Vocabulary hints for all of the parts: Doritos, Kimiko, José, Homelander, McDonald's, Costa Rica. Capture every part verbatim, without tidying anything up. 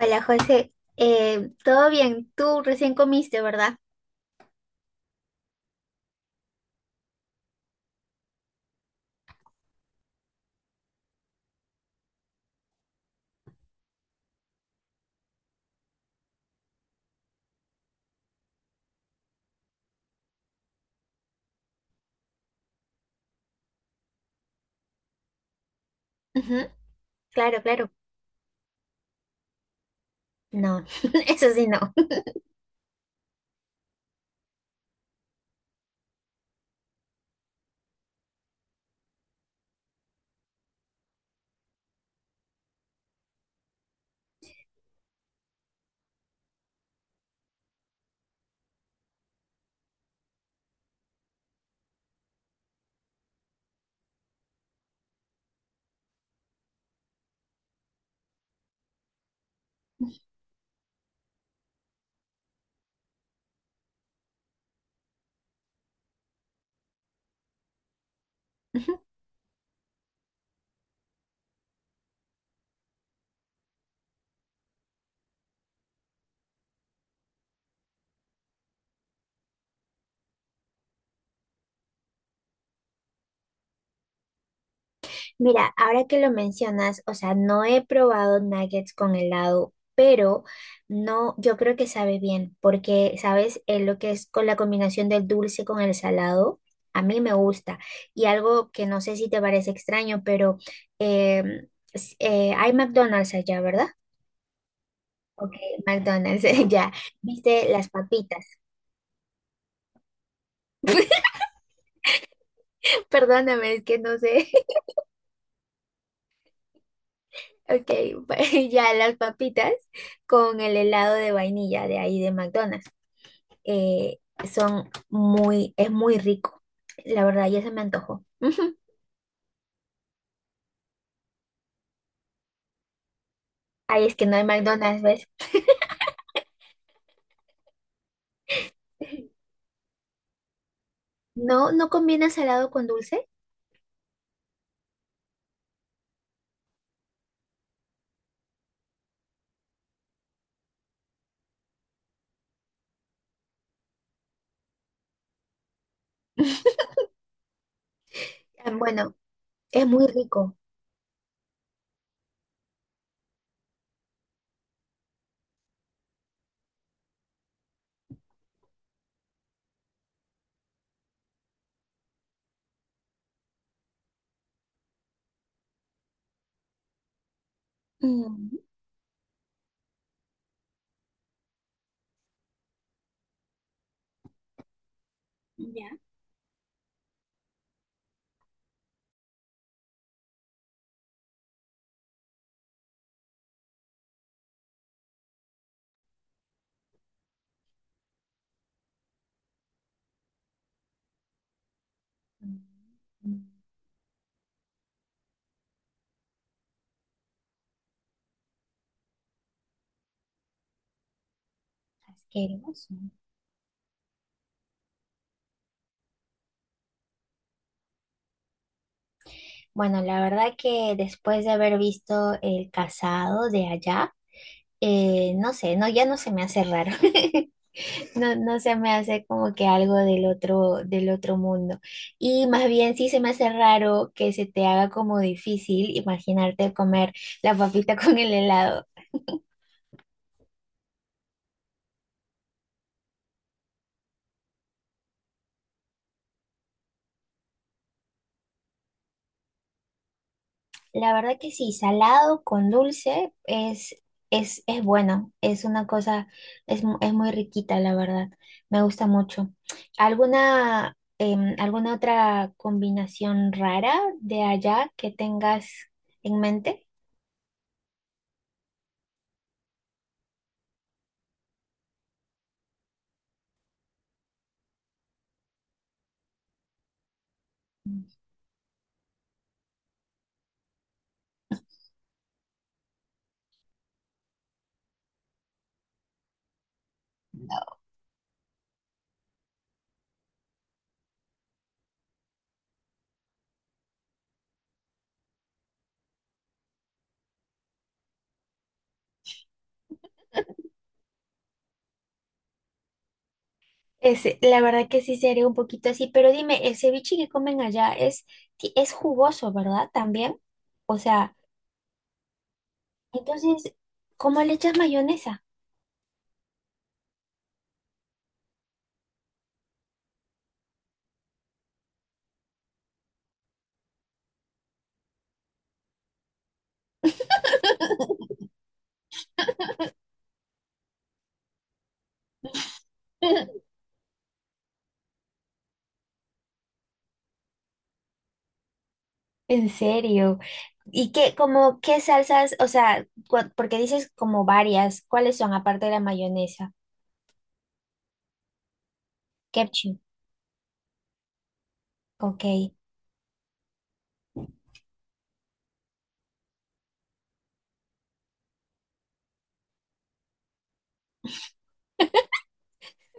Hola José, Eh, ¿todo bien? Tú recién comiste, ¿verdad? Ujú. Claro, claro. No, eso sí no. Ujú. Mira, ahora que lo mencionas, o sea, no he probado nuggets con helado, pero no, yo creo que sabe bien, porque, ¿sabes? Eh, lo que es con la combinación del dulce con el salado, a mí me gusta. Y algo que no sé si te parece extraño, pero em, s- eh, hay McDonald's allá, ¿verdad? Ok, McDonald's, ya. ¿Viste las papitas? Perdóname, es que no sé. Ok, ya las papitas con el helado de vainilla de ahí de McDonald's. eh, Son muy, es muy rico. La verdad, ya se me antojó. Ujú. Ay, es que no hay McDonald's, ¿ves? No, no combina salado con dulce. Ah, bueno, es muy rico. Mm, ya. Mm, asqueroso. Bueno, la verdad que después de haber visto el casado de allá, Eh, no sé, no, ya no se me hace raro. No, no se me hace como que algo del otro, del otro mundo. Y más bien sí se me hace raro que se te haga como difícil imaginarte comer la papita con el helado. La verdad que sí, salado con dulce es, es, es bueno, es una cosa, es, mu- es muy riquita, la verdad, me gusta mucho. ¿Alguna, em, alguna otra combinación rara de allá que tengas en mente? Ese, la verdad que sí sería un poquito así, pero dime, el ceviche que comen allá es, ti- es jugoso, ¿verdad? También. O sea, entonces, ¿cómo le echas mayonesa? En serio. ¿Y qué, como, qué salsas, o sea, cua- porque dices como varias, ¿cuáles son aparte de la mayonesa? Ketchup, ok.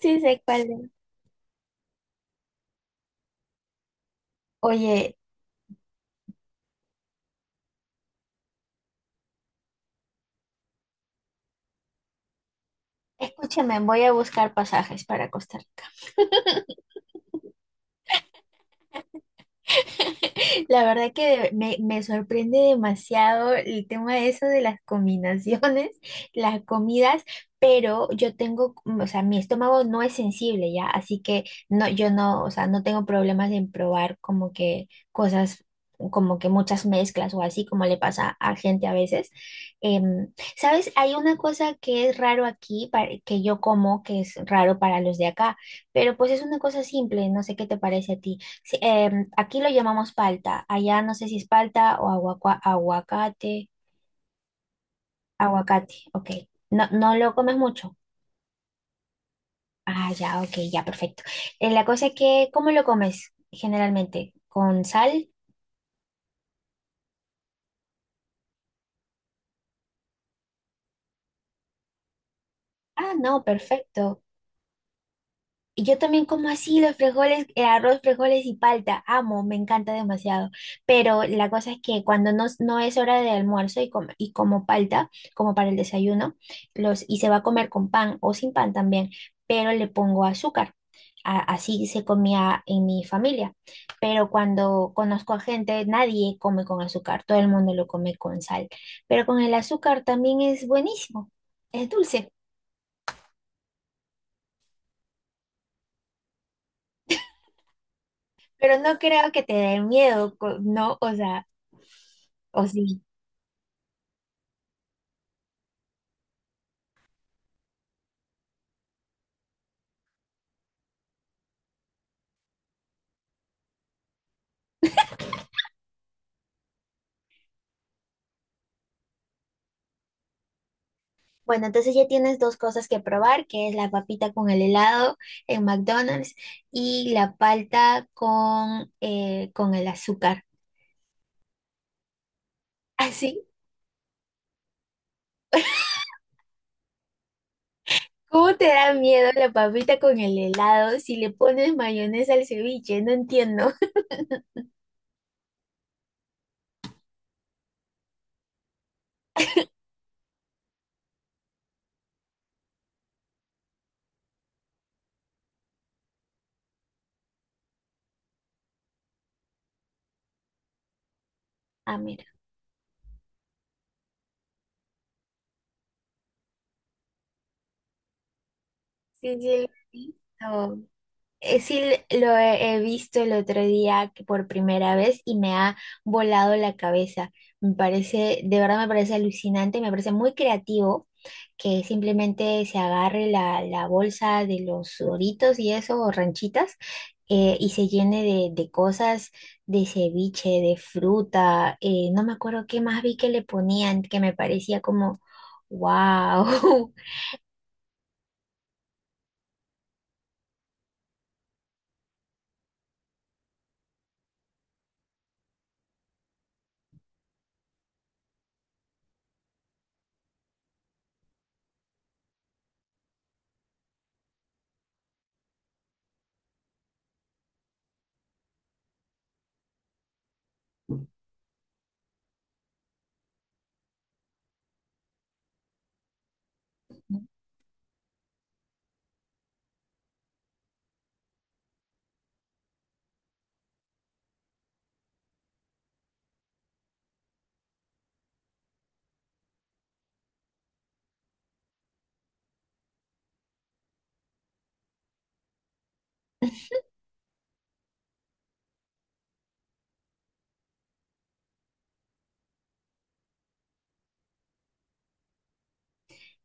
Sí sé cuál es. Oye, escúchame, voy a buscar pasajes para Costa Rica. La verdad que me, me sorprende demasiado el tema de eso de las combinaciones, las comidas, pero yo tengo, mm, o sea, mi estómago no es sensible ya, así que no, yo no, o sea, no tengo problemas en probar como que cosas, como que muchas mezclas o así como le pasa a gente a veces. Em, ¿sabes? Hay una cosa que es raro aquí, pa- que yo como, que es raro para los de acá, pero pues es una cosa simple, no sé qué te parece a ti. Sí, em, aquí lo llamamos palta. Allá no sé si es palta o aguacua- aguacate. Aguacate, ok. No, no lo comes mucho. Ah, ya, ok, ya, perfecto. Eh, la cosa es que, ¿cómo lo comes generalmente? ¿Con sal? Ah, no, perfecto. Y yo también como así los frijoles, el arroz, frijoles y palta. Amo, me encanta demasiado. Pero la cosa es que cuando no, no es hora de almuerzo y, com- y como palta, como para el desayuno, los, y se va a comer con pan o sin pan también, pero le pongo azúcar. A- así se comía en mi familia. Pero cuando conozco a gente, nadie come con azúcar, todo el mundo lo come con sal. Pero con el azúcar también es buenísimo, es dulce. Pero no creo que te dé miedo, co- ¿no? O sea... O sí. Bueno, entonces ya tienes dos cosas que probar, que es la papita con el helado en McDonald's y la palta con, eh, con el azúcar. Así, ¿cómo te da miedo la papita con el helado si le pones mayonesa al ceviche? No entiendo. Ah, mira, sí, sí, lo he visto. Eh, sí, lo he he visto el otro día que por primera vez y me ha volado la cabeza. Me parece, de verdad me parece alucinante, me parece muy creativo que simplemente se agarre la, la bolsa de los doritos y eso, o ranchitas, eh, y se llene de, de cosas de ceviche, de fruta, eh, no me acuerdo qué más vi que le ponían, que me parecía como, wow.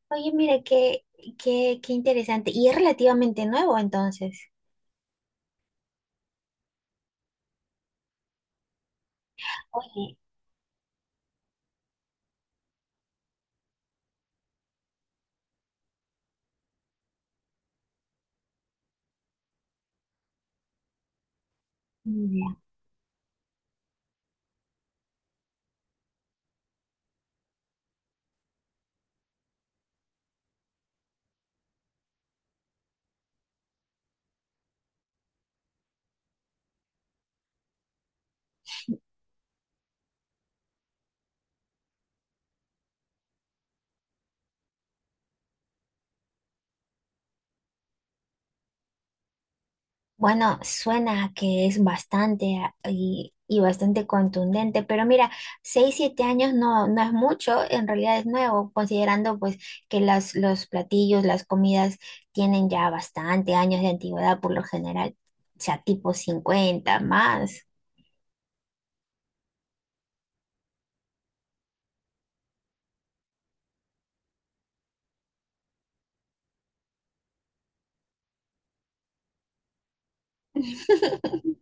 Oye, mira, qué, qué, qué interesante. Y es relativamente nuevo entonces. Oye, bueno, suena que es bastante ah, y, y bastante contundente, pero mira, seis siete años no, no es mucho, en realidad es nuevo, considerando pues que las, los platillos, las comidas tienen ya bastante años de antigüedad por lo general, o sea, tipo cincuenta más.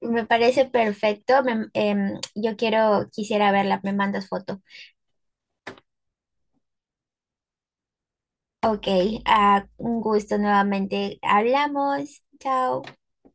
Me parece perfecto. me- em, yo quiero, quisiera verla, me mandas foto. Ok, ah, un gusto nuevamente. Hablamos. Chao.